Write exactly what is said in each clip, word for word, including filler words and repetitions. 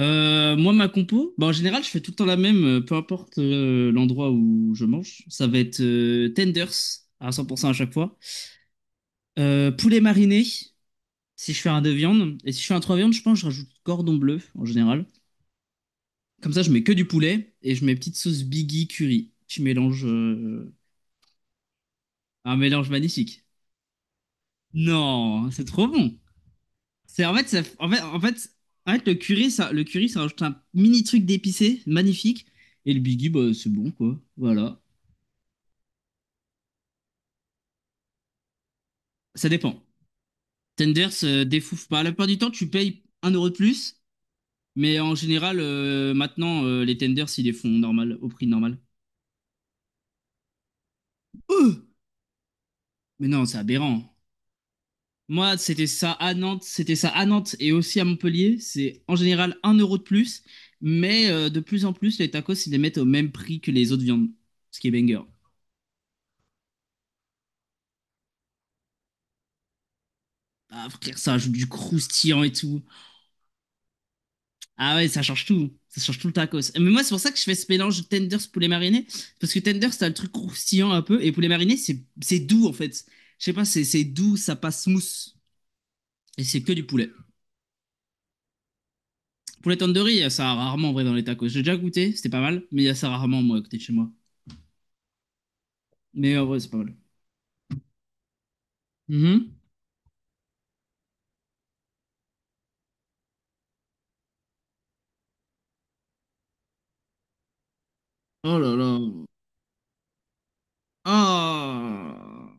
Euh, moi, ma compo, bah, en général, je fais tout le temps la même, euh, peu importe euh, l'endroit où je mange. Ça va être euh, tenders à cent pour cent à chaque fois. Euh, poulet mariné, si je fais un deux viandes. Et si je fais un trois viandes, je pense que je rajoute cordon bleu en général. Comme ça, je mets que du poulet et je mets petite sauce Biggie curry. Tu mélanges euh, un mélange magnifique. Non, c'est trop bon. C'est en fait, ça- en fait, en fait, en fait, le curry, ça, le curry, ça rajoute un mini truc d'épicé magnifique. Et le Biggie, bah, c'est bon, quoi. Voilà. Ça dépend. Tenders euh, défouffe pas. La plupart du temps, tu payes un euro de plus, mais en général, euh, maintenant, euh, les tenders, ils les font normal, au prix normal. Ouh, mais non, c'est aberrant. Moi, c'était ça à Nantes, c'était ça à Nantes et aussi à Montpellier. C'est en général un euro de plus, mais euh, de plus en plus, les tacos, ils les mettent au même prix que les autres viandes, ce qui est banger. Ah, frère, ça ajoute du croustillant et tout. Ah ouais, ça change tout. Ça change tout le tacos. Mais moi, c'est pour ça que je fais ce mélange de tenders poulet mariné. Parce que tenders, t'as le truc croustillant un peu. Et poulet mariné, c'est c'est doux en fait. Je sais pas, c'est c'est doux, ça passe smooth. Et c'est que du poulet. Poulet tandoori, ça a rarement en vrai dans les tacos. J'ai déjà goûté, c'était pas mal. Mais il y a ça rarement moi à côté de chez moi. Mais en vrai, c'est pas mal. Mhm. Oh là là. Ah.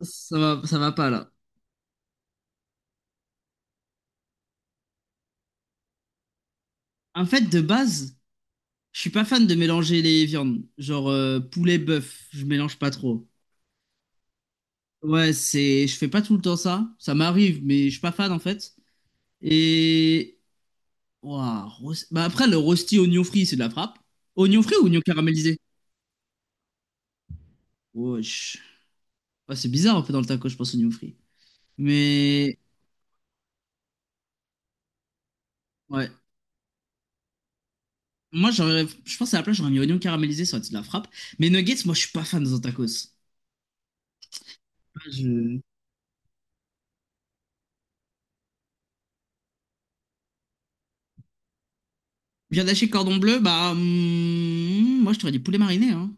Ça va, ça va pas là. En fait, de base, je suis pas fan de mélanger les viandes. Genre euh, poulet bœuf, je mélange pas trop. Ouais, c'est, je fais pas tout le temps ça. Ça m'arrive, mais je suis pas fan en fait. Et Ouah, roast- bah après le rosti oignon frit, c'est de la frappe. Oignon frit ou oignon caramélisé? Wesh. Ouais, c'est bizarre en fait dans le taco, je pense oignon frit. Mais ouais, moi j'aurais, je pense à la place j'aurais mis oignon caramélisé, ça aurait été de la frappe. Mais nuggets, moi je suis pas fan dans un tacos. Je... Viande hachée cordon bleu, bah hmm, moi je t'aurais dit poulet mariné. Hein.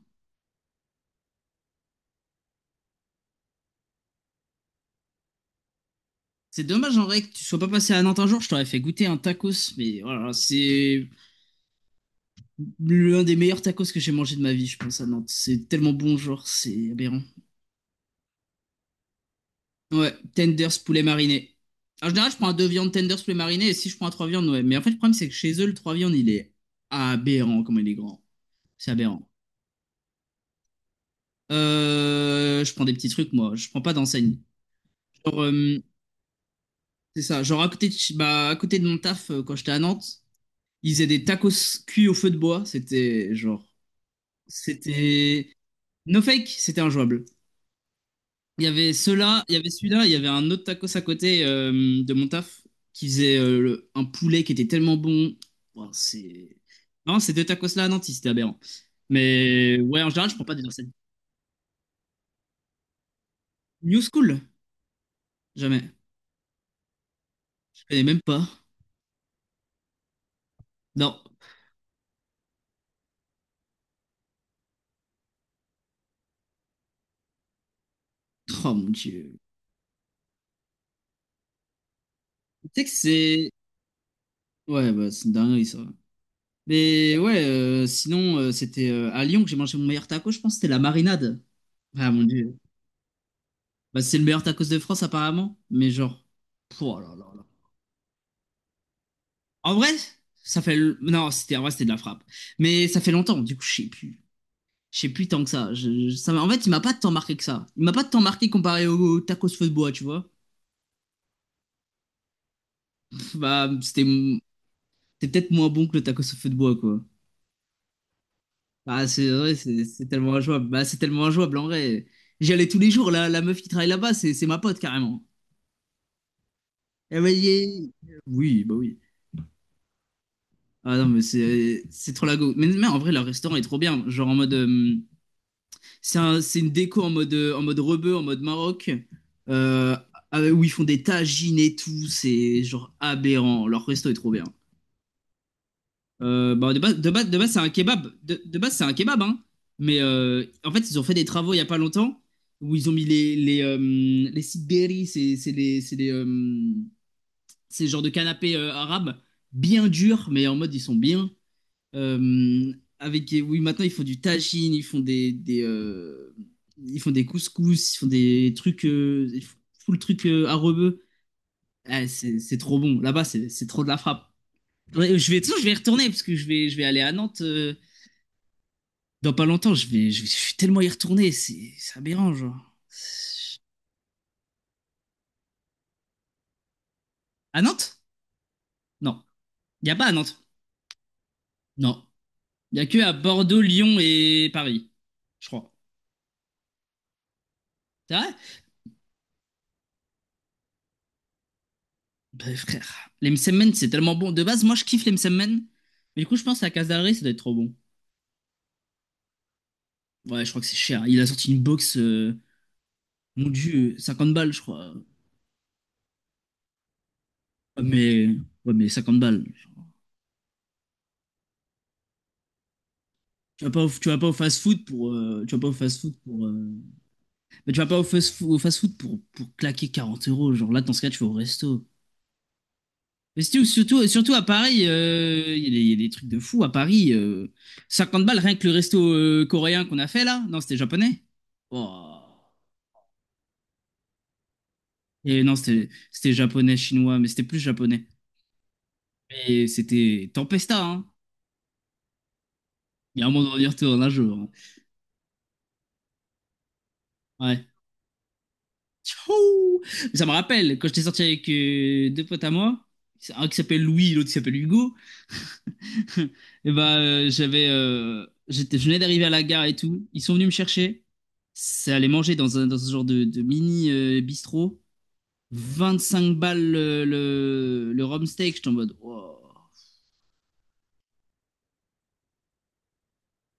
C'est dommage en vrai que tu sois pas passé à Nantes un jour, je t'aurais fait goûter un tacos, mais voilà, c'est l'un des meilleurs tacos que j'ai mangé de ma vie, je pense, à Nantes. C'est tellement bon, genre, c'est aberrant. Ouais, tenders poulet mariné. En général, je prends un deux viandes tenders poulet mariné et si je prends un trois viandes, ouais. Mais en fait, le problème, c'est que chez eux, le trois viandes, il est aberrant, comme il est grand. C'est aberrant. Euh, je prends des petits trucs, moi. Je prends pas d'enseigne. Genre, euh, c'est ça. Genre, à côté de, chez- bah, à côté de mon taf, euh, quand j'étais à Nantes, ils faisaient des tacos cuits au feu de bois. C'était, genre, c'était... No fake, c'était injouable. Il y avait ceux-là, il y avait celui-là, il y avait un autre tacos à côté euh, de mon taf qui faisait euh, le- un poulet qui était tellement bon. Ouah, c'est... Non, ces deux tacos-là à Nantes, c'était aberrant. Mais ouais, en général, je prends pas des recettes. New School, jamais. Je connais même pas. Non. Oh mon Dieu. Tu sais que c'est... Ouais, bah, c'est une dinguerie, ça. Mais ouais, euh, sinon, euh, c'était euh, à Lyon que j'ai mangé mon meilleur taco, je pense, c'était la marinade. Ah mon Dieu. Bah, c'est le meilleur tacos de France, apparemment. Mais genre... Oh là là là. En vrai, ça fait. l- Non, c'était en vrai, c'était de la frappe. Mais ça fait longtemps, du coup, je sais plus. Je sais plus tant que ça. Je- je- ça m'a- en fait, il m'a pas tant marqué que ça. Il m'a pas tant marqué comparé au au tacos feu de bois, tu vois. Pff, bah, c'était m- c'était peut-être moins bon que le tacos au feu de bois, quoi. Bah, c'est vrai, c'est c'est tellement injouable. Bah, c'est tellement injouable, en vrai. J'y allais tous les jours. La, la meuf qui travaille là-bas, c'est c'est ma pote, carrément. Elle m'a dit, oui, bah oui. Ah non, mais c'est c'est trop la go. Mais, mais en vrai, leur restaurant est trop bien. Genre en mode. euh, C'est un- c'est une déco en mode, euh, en mode rebeu, en mode Maroc, euh, avec- où ils font des tagines et tout. C'est genre aberrant. Leur resto est trop bien. Euh, bah, de base, de base, de base, c'est un kebab. De, de base, c'est un kebab, hein. Mais euh, en fait, ils ont fait des travaux il n'y a pas longtemps où ils ont mis les, les, euh, les sidberi, c'est c'est les, c'est les, euh, ces genres de canapés euh, arabes bien durs, mais en mode ils sont bien. Euh, avec, oui, maintenant, ils font du tagine, ils font des, des, euh, ils font des couscous, ils font des trucs, euh, ils font tout le truc euh, à rebeu. Ah, c'est c'est trop bon. Là-bas, c'est c'est trop de la frappe. Ouais, je vais, de toute façon, je vais y retourner parce que je vais, je vais aller à Nantes euh, dans pas longtemps. Je vais, je vais, je vais tellement y retourner. C'est c'est aberrant, genre. À Nantes? Non. Il n'y a pas à Nantes. Non. Il n'y a que à Bordeaux, Lyon et Paris. Je crois. C'est vrai? Ben, frère, les msemen, c'est tellement bon. De base, moi, je kiffe les msemen. Mais du coup, je pense à Casare, ça doit être trop bon. Ouais, je crois que c'est cher. Il a sorti une box, euh, mon dieu, cinquante balles, je crois. Ouais, mais, ouais, mais cinquante balles. Genre, Tu vas pas au, tu vas pas au fast-food pour, euh, tu vas pas au fast-food pour, euh, mais tu vas pas au fast-food, au fast-food pour, pour claquer quarante euros. Genre là, dans ce cas, tu vas au resto. Mais surtout, surtout, surtout à Paris, euh, il y, a des il y a des trucs de fou à Paris. Euh, cinquante balles, rien que le resto euh, coréen qu'on a fait là. Non, c'était japonais. Oh. Et non, c'était c'était japonais, chinois, mais c'était plus japonais. Et c'était Tempesta, hein. Il y a un monde où on y retourne un jour. Hein. Ouais. Tchou. Mais ça me rappelle, quand j'étais sorti avec euh, deux potes à moi, un qui s'appelle Louis, l'autre qui s'appelle Hugo, et ben euh, j'avais, euh, j'étais, je venais d'arriver à la gare et tout. Ils sont venus me chercher. Ça allait manger dans un dans ce genre de, de mini euh, bistrot. Cinq balles le, le, le rhum steak. J'étais en mode, wow,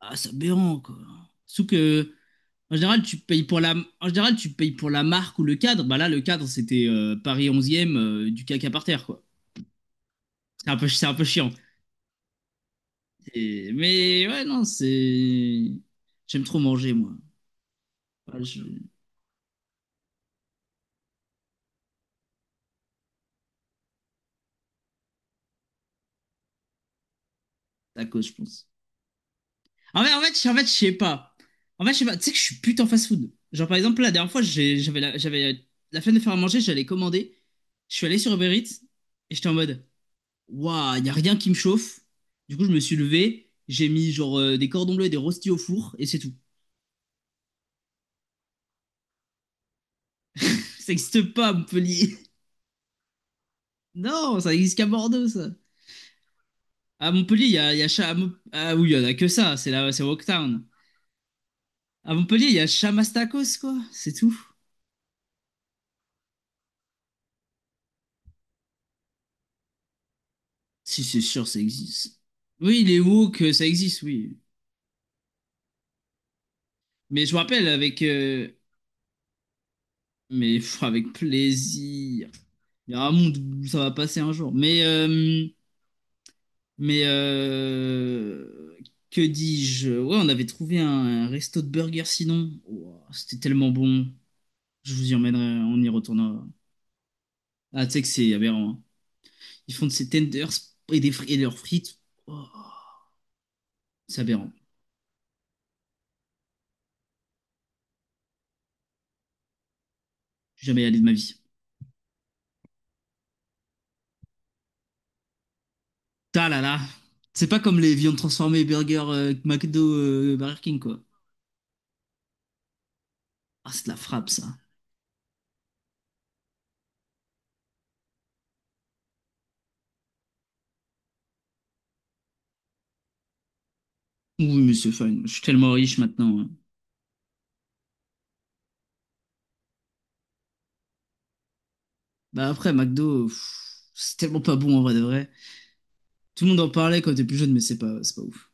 ah, c'est aberrant, quoi. Surtout que En général, tu payes pour la, en général, tu payes pour la marque ou le cadre. Bah là, le cadre, c'était euh, Paris onzième, euh, du caca par terre, quoi. C'est un peu, c'est un peu chiant. Et- Mais ouais, non, c'est. J'aime trop manger, moi. Ouais, je- C'est à cause, je pense. En fait, en fait, je- en fait, je sais pas. En fait, je sais pas. Tu sais que je suis putain fast-food. Genre, par exemple, la dernière fois, j'ai- j'avais la, j'avais la flemme de faire à manger, j'allais commander. Je suis allé sur Uber Eats et j'étais en mode, waouh, y a rien qui me chauffe. Du coup, je me suis levé, j'ai mis genre euh, des cordons bleus et des rostis au four et c'est tout. Ça n'existe pas à Montpellier. Non, ça n'existe qu'à Bordeaux, ça. À Montpellier, il y a, il y a Cha- à Mo- Ah oui, il y en a que ça, c'est là, c'est Walktown. À Montpellier, il y a Chamastacos, quoi, c'est tout. Si, c'est sûr, ça existe. Oui, les wok, euh, ça existe, oui. Mais je me rappelle avec. euh, Mais pff, avec plaisir. Il y a un monde où ça va passer un jour. Mais. euh, Mais. euh, Que dis-je? Ouais, on avait trouvé un, un resto de burgers sinon. Ouah, c'était tellement bon. Je vous y emmènerai, on y retournera. Ah, tu sais que c'est aberrant. Hein. Ils font de ces tenders et, des fri- et leurs frites. Oh, c'est aberrant. Je suis jamais allé de ma vie. Ta là là. C'est pas comme les viandes transformées burger euh, McDo euh, Burger King, quoi. Ah, c'est de la frappe, ça. Oui, mais c'est fun. Je suis tellement riche maintenant. Hein. Bah après, McDo, pff, c'est tellement pas bon en vrai de vrai. Tout le monde en parlait quand t'es plus jeune, mais c'est pas, c'est pas ouf.